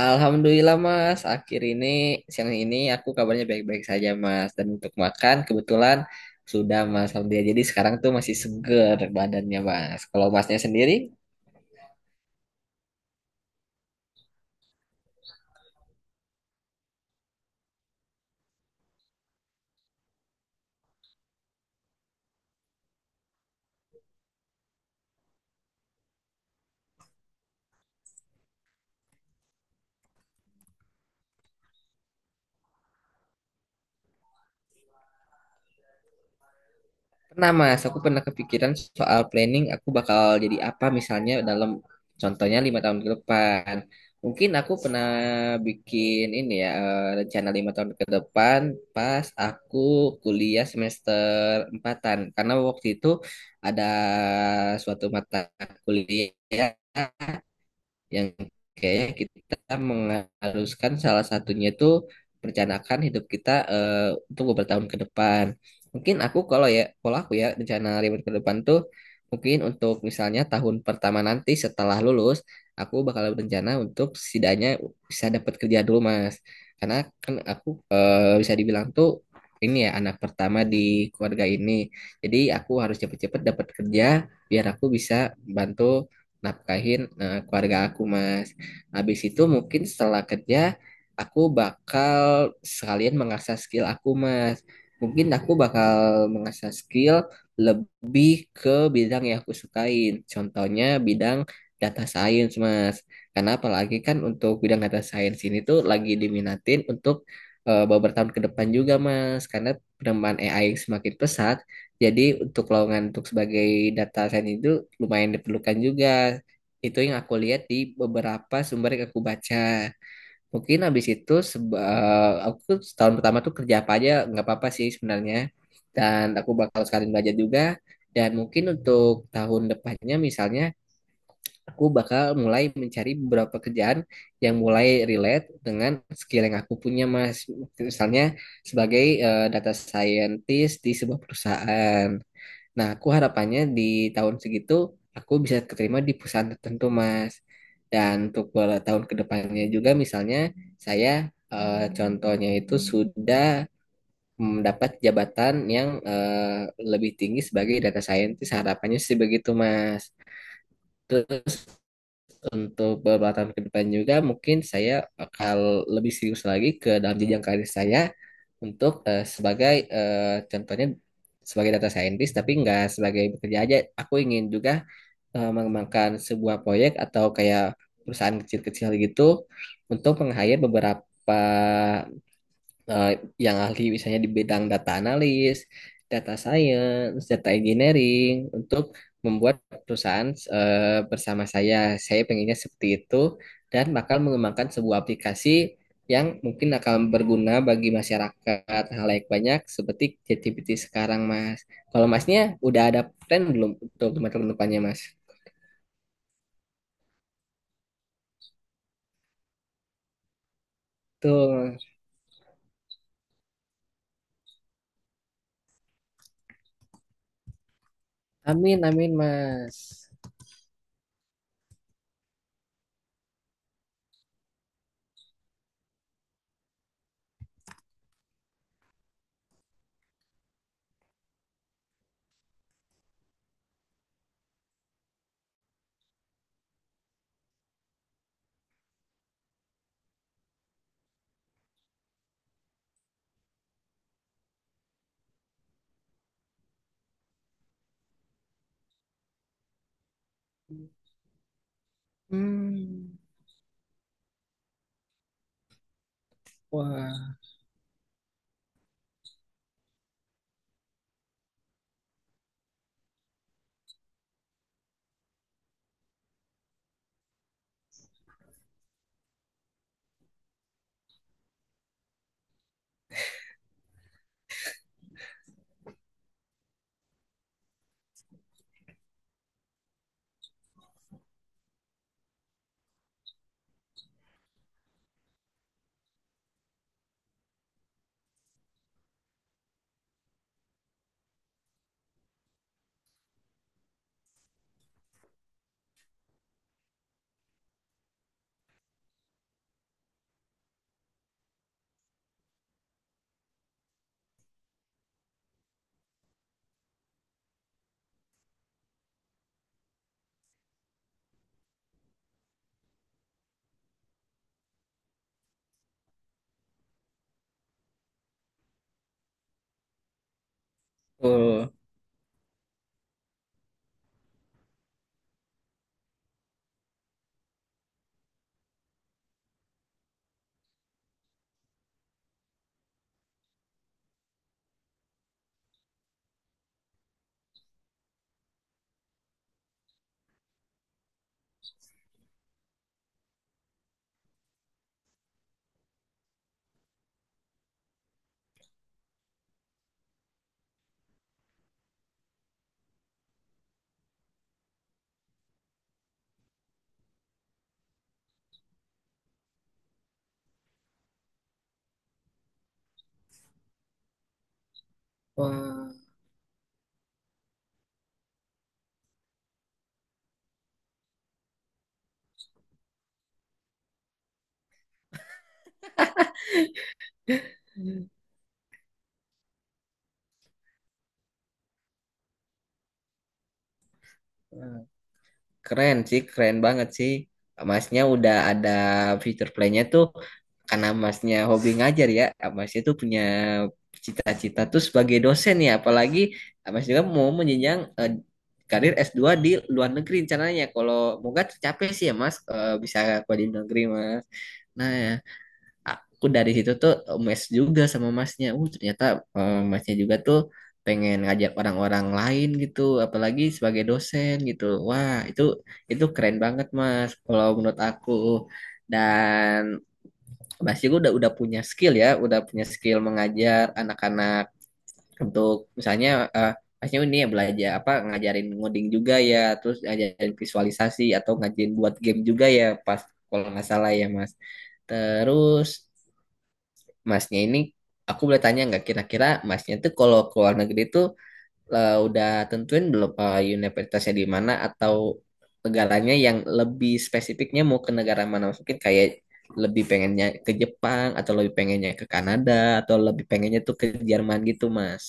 Alhamdulillah Mas, akhir ini siang ini aku kabarnya baik-baik saja Mas. Dan untuk makan kebetulan sudah Mas, alhamdulillah. Jadi sekarang tuh masih seger badannya Mas. Kalau Masnya sendiri? Pernah mas, aku pernah kepikiran soal planning aku bakal jadi apa misalnya contohnya lima tahun ke depan. Mungkin aku pernah bikin ini ya rencana lima tahun ke depan pas aku kuliah semester empatan karena waktu itu ada suatu mata kuliah yang kayaknya kita mengharuskan salah satunya itu merencanakan hidup kita untuk beberapa tahun ke depan. Mungkin aku kalau aku ya rencana ribet ke depan tuh mungkin untuk misalnya tahun pertama nanti setelah lulus, aku bakal berencana untuk setidaknya bisa dapat kerja dulu, Mas. Karena kan aku bisa dibilang tuh ini ya anak pertama di keluarga ini. Jadi aku harus cepet-cepet dapat kerja biar aku bisa bantu nafkahin keluarga aku mas. Habis itu mungkin setelah kerja aku bakal sekalian mengasah skill aku mas. Mungkin aku bakal mengasah skill lebih ke bidang yang aku sukain. Contohnya bidang data science mas. Karena apalagi kan untuk bidang data science ini tuh lagi diminatin untuk beberapa tahun ke depan juga mas. Karena perkembangan AI yang semakin pesat jadi untuk lowongan untuk sebagai data scientist itu lumayan diperlukan juga. Itu yang aku lihat di beberapa sumber yang aku baca. Mungkin habis itu aku setahun pertama tuh kerja apa aja nggak apa-apa sih sebenarnya. Dan aku bakal sekalian belajar juga. Dan mungkin untuk tahun depannya misalnya aku bakal mulai mencari beberapa kerjaan yang mulai relate dengan skill yang aku punya Mas. Misalnya sebagai data scientist di sebuah perusahaan. Nah, aku harapannya di tahun segitu aku bisa keterima di perusahaan tertentu, Mas. Dan untuk beberapa tahun ke depannya juga misalnya saya contohnya itu sudah mendapat jabatan yang lebih tinggi sebagai data scientist, harapannya sih begitu, Mas. Terus untuk beberapa tahun ke depan juga mungkin saya akan lebih serius lagi ke dalam jenjang karir saya untuk sebagai contohnya sebagai data scientist tapi nggak sebagai bekerja aja aku ingin juga mengembangkan sebuah proyek atau kayak perusahaan kecil-kecil gitu untuk meng-hire beberapa eh, yang ahli misalnya di bidang data analis, data science, data engineering untuk membuat perusahaan bersama saya. Saya pengennya seperti itu dan bakal mengembangkan sebuah aplikasi yang mungkin akan berguna bagi masyarakat halayak banyak seperti ChatGPT sekarang, Mas. Kalau Masnya udah ada plan belum untuk teman-teman depannya, Mas? Betul. Amin, amin, Mas. Hmm. Wah, betul. Wah. Wah, keren sih, keren banget sih. Masnya udah ada fitur playnya tuh karena masnya hobi ngajar ya. Masnya tuh punya cita-cita tuh sebagai dosen ya. Apalagi mas juga mau menjenjang karir s dua di luar negeri rencananya. Kalau moga tercapai sih ya mas bisa kuliah di negeri mas. Nah, aku dari situ tuh mes juga sama masnya ternyata masnya juga tuh pengen ngajak orang-orang lain gitu apalagi sebagai dosen gitu wah itu keren banget mas kalau menurut aku dan mas juga udah punya skill ya udah punya skill mengajar anak-anak untuk misalnya eh, masnya ini ya belajar apa ngajarin ngoding juga ya terus ngajarin visualisasi atau ngajarin buat game juga ya pas kalau nggak salah ya mas. Terus masnya ini aku boleh tanya nggak kira-kira masnya tuh kalau ke luar negeri tuh udah tentuin belum universitasnya di mana atau negaranya yang lebih spesifiknya mau ke negara mana mungkin kayak lebih pengennya ke Jepang atau lebih pengennya ke Kanada atau lebih pengennya tuh ke Jerman gitu Mas.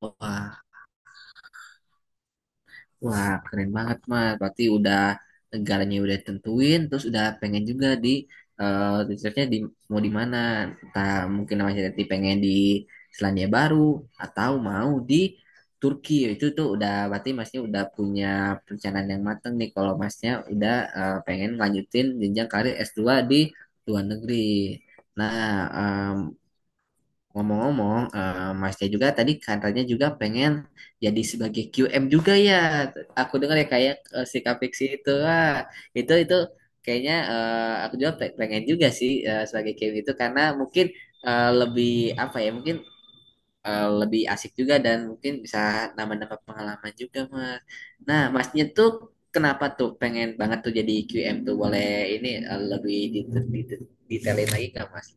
Wah. Wah, keren banget, Mas. Berarti udah negaranya udah tentuin, terus udah pengen juga di researchnya di mau di mana. Entah mungkin Mas Yati pengen di Selandia Baru atau mau di Turki. Itu tuh udah berarti Masnya udah punya perencanaan yang matang nih kalau Masnya udah pengen lanjutin jenjang karir s dua di luar negeri. Nah, ngomong-ngomong, Masnya juga tadi katanya juga pengen jadi sebagai QM juga ya. Aku dengar ya kayak si Kapiksi itu, wah, itu kayaknya aku juga pengen juga sih sebagai QM itu karena mungkin lebih apa ya, mungkin lebih asik juga dan mungkin bisa nambah-nambah pengalaman juga, Mas. Nah, Masnya tuh kenapa tuh pengen banget tuh jadi QM tuh? Boleh ini lebih detailin lagi nggak, Mas?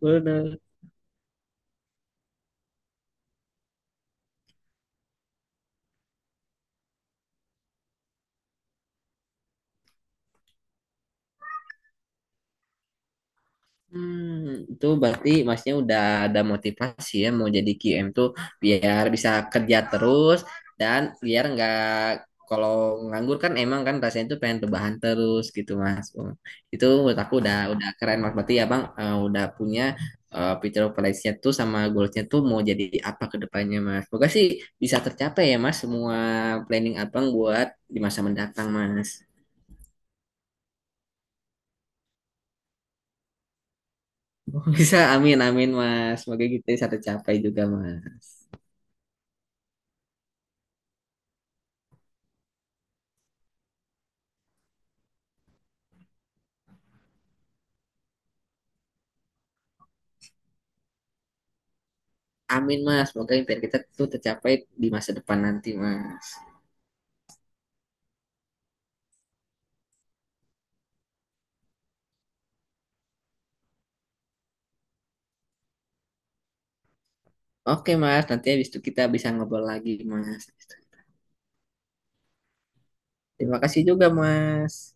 Lebih itu berarti masnya udah ada motivasi ya mau jadi QM tuh biar bisa kerja terus dan biar nggak kalau nganggur kan emang kan rasanya tuh pengen perubahan terus gitu mas. Oh, itu menurut aku udah keren mas. Berarti ya bang udah punya picture of nya tuh sama goalsnya tuh mau jadi apa ke depannya mas. Semoga sih bisa tercapai ya mas semua planning abang buat di masa mendatang mas. Bisa amin amin mas. Semoga kita bisa tercapai juga mas. Amin mas, semoga impian kita tuh tercapai di masa depan nanti mas. Oke mas, nanti habis itu kita bisa ngobrol lagi mas. Terima kasih juga mas.